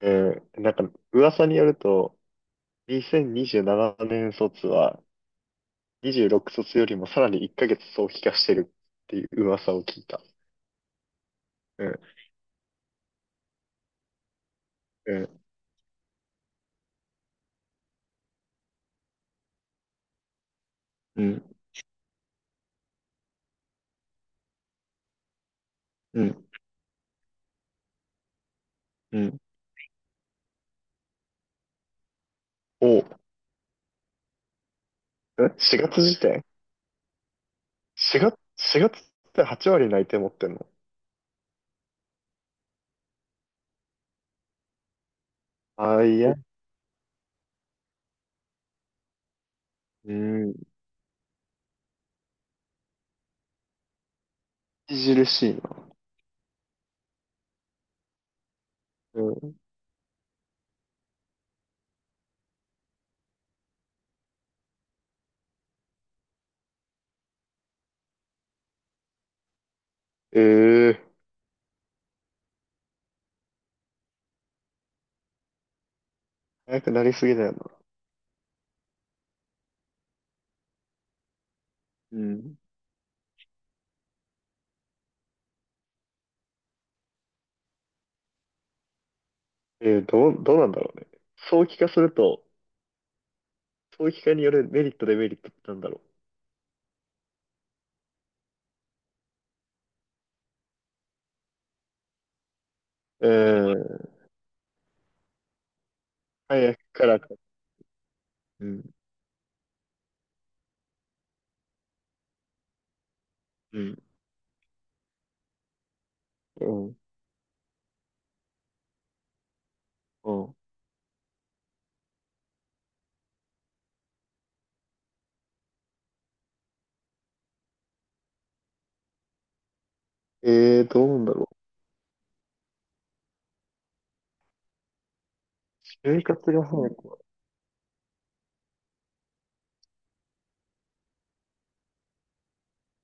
うん、なんか、噂によると、2027年卒は、26卒よりもさらに1ヶ月早期化してるっていう噂を聞いた。うん、うん、うん、うん、うん。お。え ?4 月時点 ?4 月、4月って8割内定持ってんの？あ、いや、うん、著しいな。うん。ええ、早くなりすぎだよな。うん。どうなんだろうね。早期化すると、早期化によるメリット、デメリットってなんだろう。うん。早くから。うん、うん、うん、うん。どうなんだろう。就活がさ、なんか、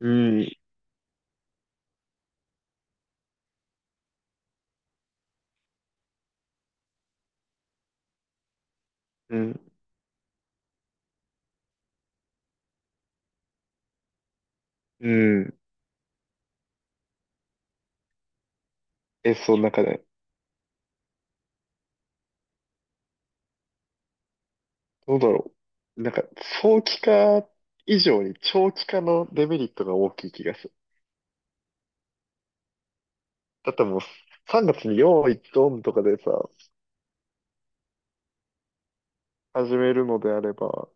うん、うん、うん。え、そう、なんかね、どうだろう。なんか、早期化以上に長期化のデメリットが大きい気がする。だってもう、3月に用意ドンとかでさ、始めるのであれば、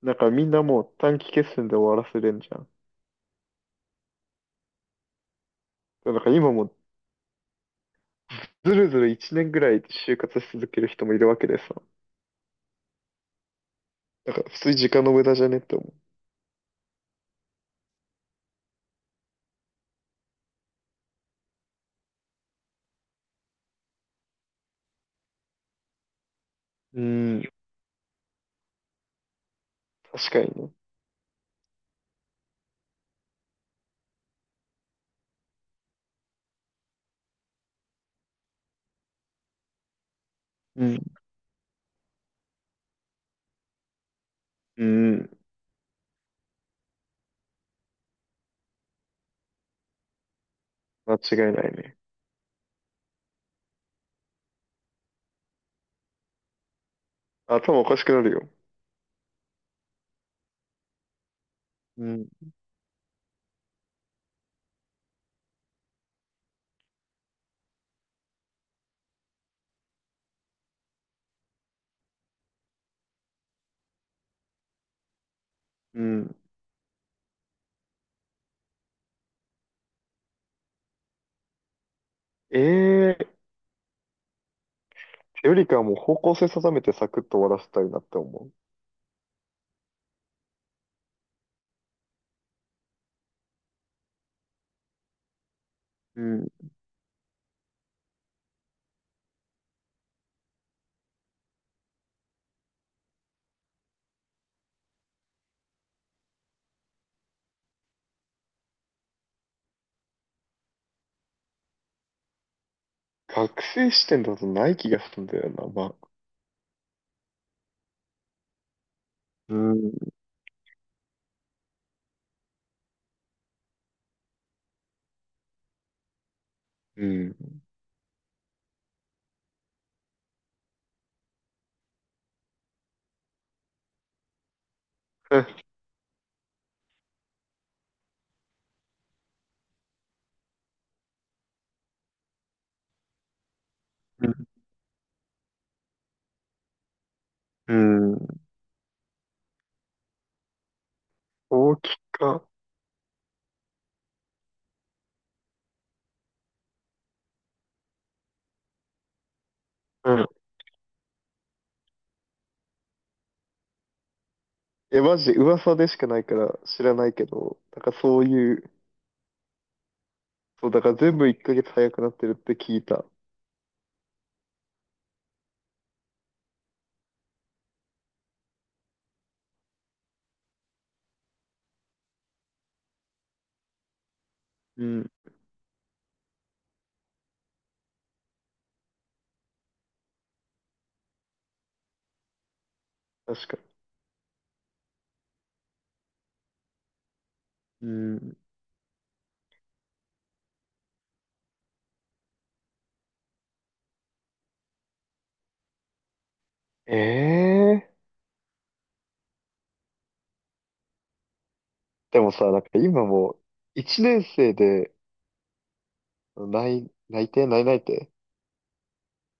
なんかみんなもう短期決戦で終わらせれんじゃん。なんか今もうずるずる1年ぐらい就活し続ける人もいるわけでさ、なんか普通に時間の無駄じゃねって思う。うん、確かにね。うん。うん。間違いないね。頭おかしくなるよ。うん。うん。ええー、よりかはもう方向性定めてサクッと終わらせたいなって思う。うん。学生視点だとない気がするんだよな、まあ。うん。うん。うん。うん、大きか。うん。え、マジで噂でしかないから知らないけど、だからそういう、そう、だから全部1ヶ月早くなってるって聞いた。うん。確かに。うん。ええ、でもさ、なんか今もう、一年生で内内定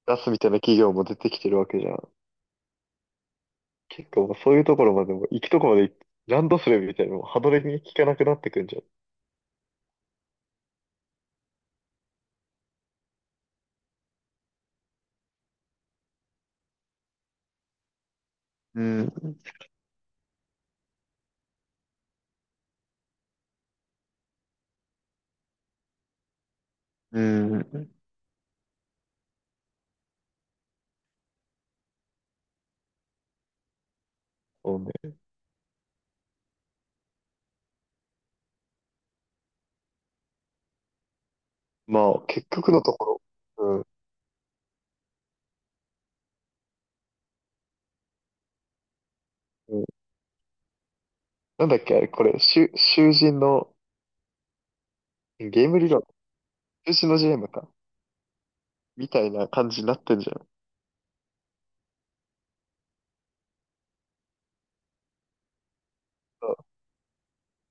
出すみたいな企業も出てきてるわけじゃん。結構もうそういうところまでも、行くところまで行っ、ランドセルみたいなのも歯止めに効かなくなってくんじゃん。うん、うん。そうね。まあ、結局のところ、うん、うん。なんだっけ、あれ、これ、囚人の、ゲーム理論、囚人のジレンマか。みたいな感じになってんじゃん。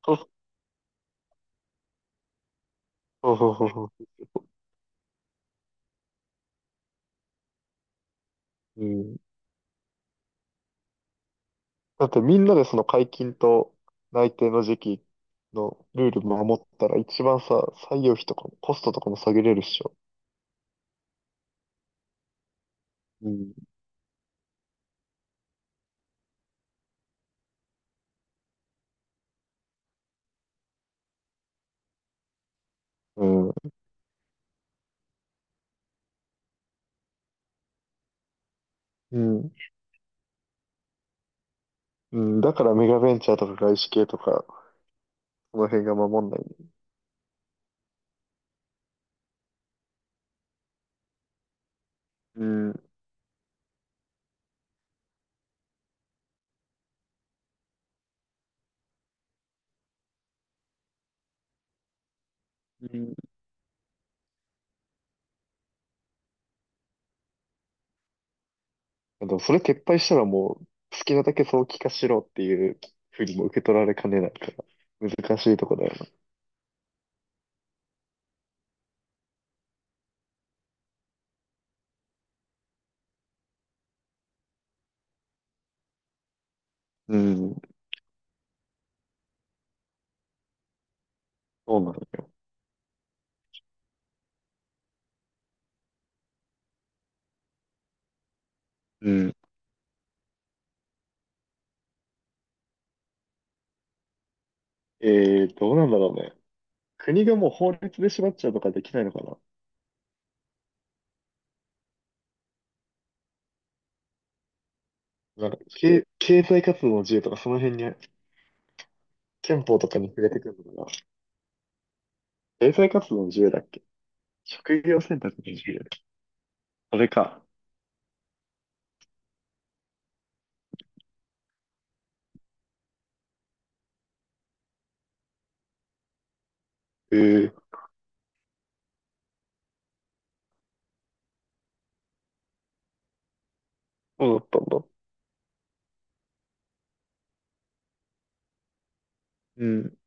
そうそうそうそう。うん。だってみんなでその解禁と内定の時期のルール守ったら一番さ、採用費とかもコストとかも下げれるっしょ。うん。うん。うん。うん。だからメガベンチャーとか外資系とか、この辺が守んないね。うん。うん。でもそれ撤廃したらもう、好きなだけ早期化しろっていうふうにも受け取られかねないから、難しいとこだよな。うん。そうなのよ。うん。えどうなんだろうね。国がもう法律で縛っちゃうとかできないのかな。なんか、経済活動の自由とかその辺に、憲法とかに触れてくるのかな。経済活動の自由だっけ？職業選択の自由。それか。ええ、そうだったんだ。うん。